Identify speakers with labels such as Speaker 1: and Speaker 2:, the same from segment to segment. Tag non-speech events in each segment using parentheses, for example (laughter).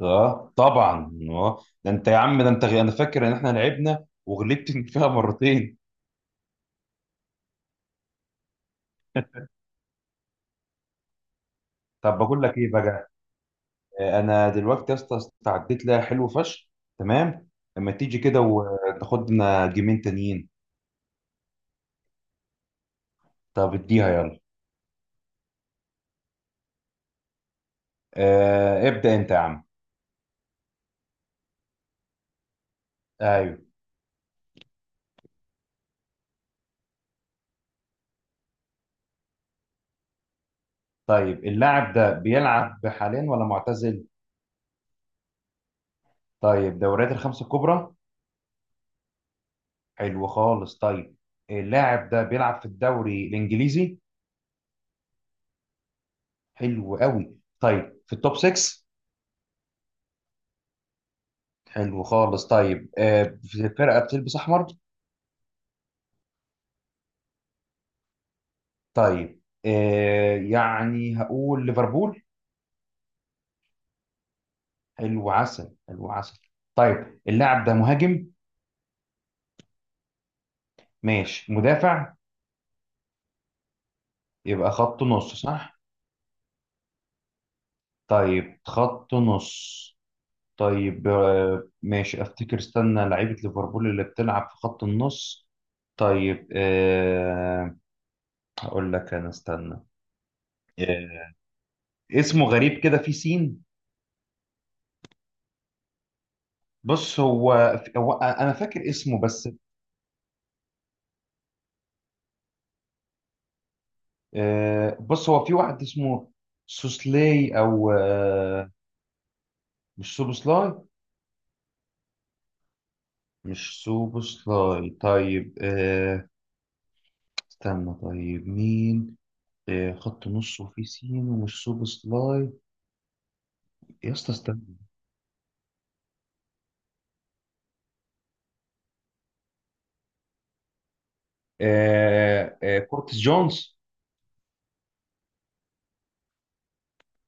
Speaker 1: اه طبعا ده انت يا عم، ده انت انا فاكر ان احنا لعبنا وغلبت (laughs) فيها مرتين. طب بقول لك ايه بقى؟ انا دلوقتي يا اسطى استعديت لها حلو فشخ. تمام، اما تيجي كده وتاخد لنا جيمين تانيين. طب اديها يلا. ابدا انت يا عم. ايوه. طيب اللاعب ده بيلعب حاليا ولا معتزل؟ طيب، دوريات الخمسه الكبرى. حلو خالص، طيب. اللاعب ده بيلعب في الدوري الانجليزي. حلو قوي، طيب، في التوب 6. حلو خالص، طيب. في فرقة بتلبس أحمر. طيب، يعني هقول ليفربول. حلو عسل، حلو عسل. طيب اللاعب ده مهاجم؟ ماشي، مدافع؟ يبقى خط نص، صح؟ طيب، خط نص. طيب ماشي، أفتكر، استنى لعيبة ليفربول اللي بتلعب في خط النص. طيب هقول لك أنا، استنى. آه، اسمه غريب كده، في سين. بص هو هو انا فاكر اسمه بس. بص هو في واحد اسمه سوسلاي او آه، مش سوبوسلاي. مش سوبوسلاي، طيب. استنى، طيب مين؟ خط نص وفي سين ومش سوبوسلاي. يا اسطى استنى. كورتس جونز.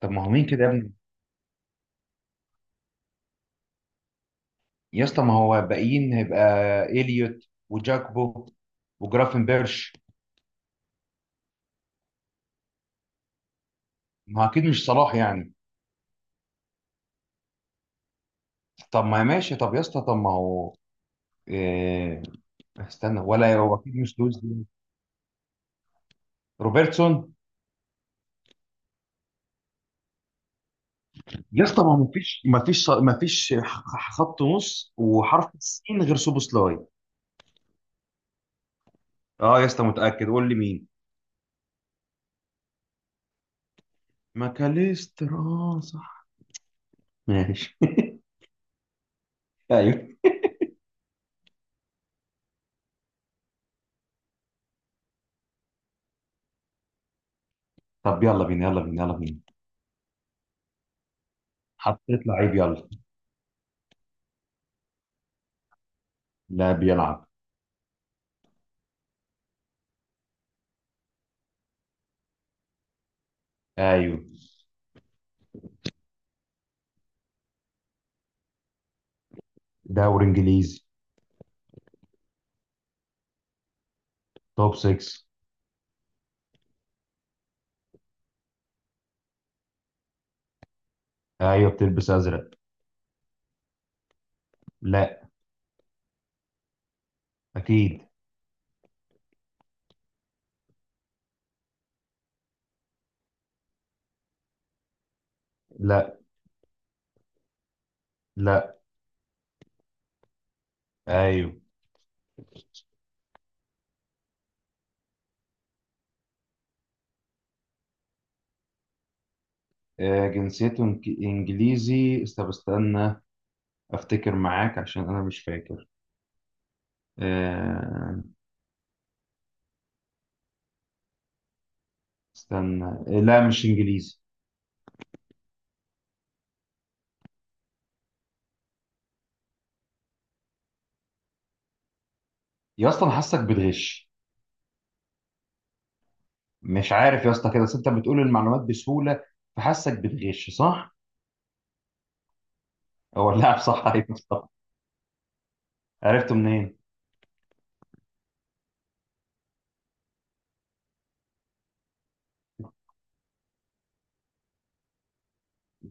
Speaker 1: طب ما هو مين كده يا ابني؟ يا اسطى ما هو باقيين هيبقى اليوت وجاكبو وجرافن بيرش. ما هو اكيد مش صلاح يعني. طب ما ماشي، طب يا اسطى، طب ما هو، آه، استنى، ولا هو اكيد مش لوز دي، روبرتسون. يا اسطى ما مفيش مفيش مفيش، خط نص وحرف السين غير سوبوسلاي. اه يا اسطى متاكد، قول لي مين. ماكاليستر، اه صح، ماشي. (laughs) ايوه. طب يلا بينا يلا بينا يلا بينا. حطيت لعيب، يلا. لا، بيلعب. ايوه. دوري انجليزي. توب 6. ايوه، بتلبس ازرق. لا. اكيد. لا. لا. ايوه. آه، جنسيته انجليزي، استنى استنى، افتكر معاك عشان انا مش فاكر. آه، استنى. لا، مش انجليزي. يا اسطى، انا حاسك بتغش. مش عارف يا اسطى كده، بس انت بتقول المعلومات بسهوله، فحاسك بتغش، صح؟ هو اللاعب صح؟ (laughs) ايوه صح. عرفته منين؟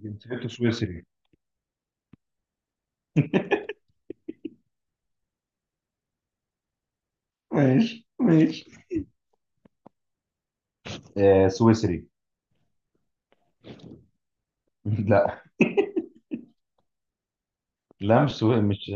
Speaker 1: جنسيته سويسري. (laughs) ماشي ماشي. سويسري. (laughs) لا. لا، مش سوي... مش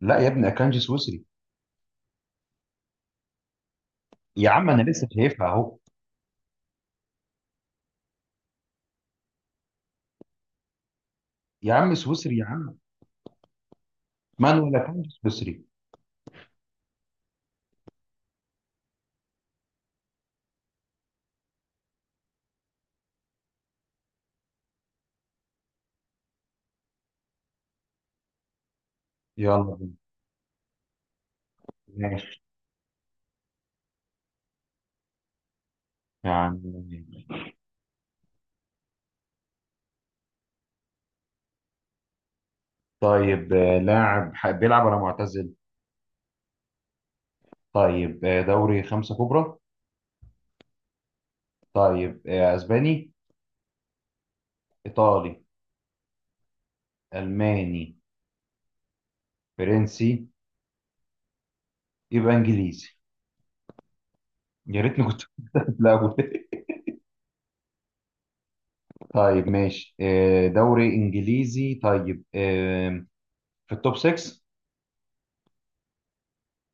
Speaker 1: لا يا ابني، اكانجي سويسري. يا عم انا لسه شايفها اهو. يا عم، سويسري يا عم. مانويل اكانجي سويسري. يلا بينا. ماشي. يعني، طيب، لاعب بيلعب ولا معتزل؟ طيب، دوري خمسة كبرى. طيب، اسباني؟ ايطالي؟ الماني؟ فرنسي؟ يبقى انجليزي. يا ريتني كنت (laughs) في الاول. طيب ماشي، دوري انجليزي. طيب في التوب 6.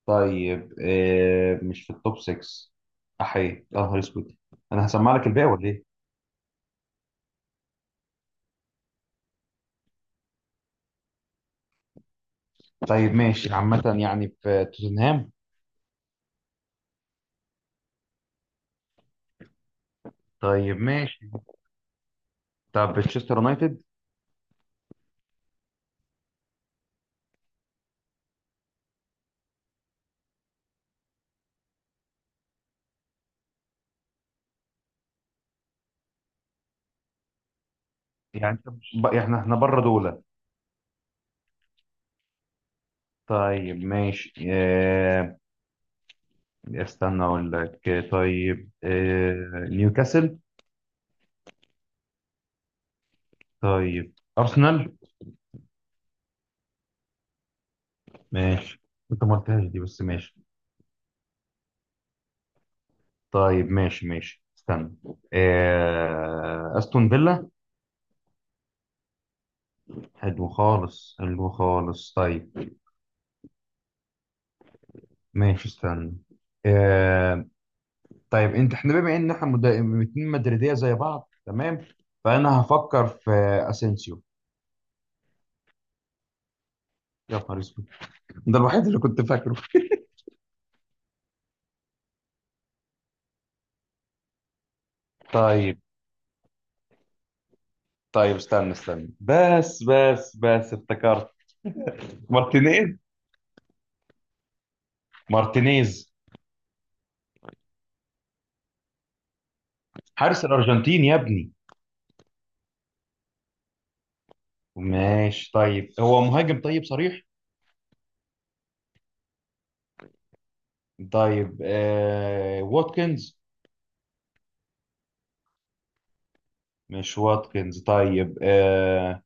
Speaker 1: طيب مش في التوب 6. احيي، يا نهار اسود. انا هسمع لك الباقي ولا ايه؟ طيب ماشي، عامة يعني في توتنهام. طيب ماشي، طب تشيستر يونايتد. يعني احنا بره دولة. طيب ماشي، اه، استنى اقول لك. طيب اه، نيوكاسل. طيب، ارسنال، ماشي. انت ما قلتهاش دي بس ماشي. طيب ماشي ماشي، استنى، اه، استون فيلا. حلو خالص حلو خالص، طيب ماشي، استنى اه. طيب انت، احنا بما ان احنا اتنين مدريدية زي بعض تمام، فانا هفكر في اسينسيو. يا نهار اسود، ده الوحيد اللي كنت فاكره. طيب، طيب، استنى استنى، بس بس بس، افتكرت مارتينيز. مارتينيز، حارس الأرجنتين يا ابني. ماشي، طيب هو مهاجم؟ طيب، صريح. طيب واتكنز. مش واتكنز. طيب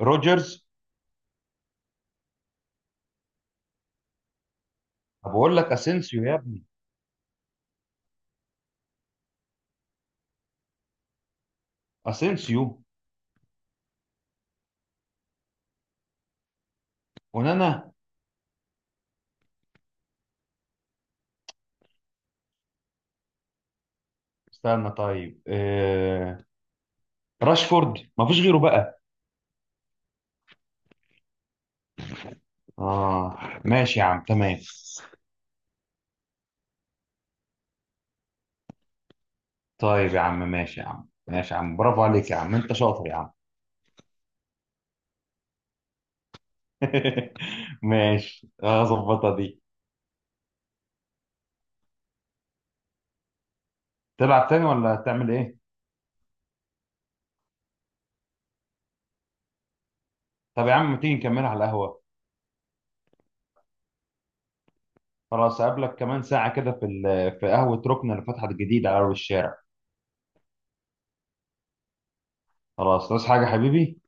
Speaker 1: روجرز. طب اقول لك اسينسيو يا ابني. اسينسيو، ونانا. استنى، طيب راشفورد، ما فيش غيره بقى. اه. ماشي يا عم، تمام. طيب يا عم، ماشي يا عم، ماشي يا عم، برافو عليك يا عم، انت شاطر يا عم. (laughs) ماشي، هظبطها دي. تلعب تاني ولا تعمل ايه؟ طب يا عم، ما تيجي نكملها على القهوة. خلاص، أقابلك كمان ساعة كده في في قهوة ركن اللي فتحت جديد على أول الشارع. خلاص، عايز حاجة حبيبي؟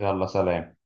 Speaker 1: يلا سلام.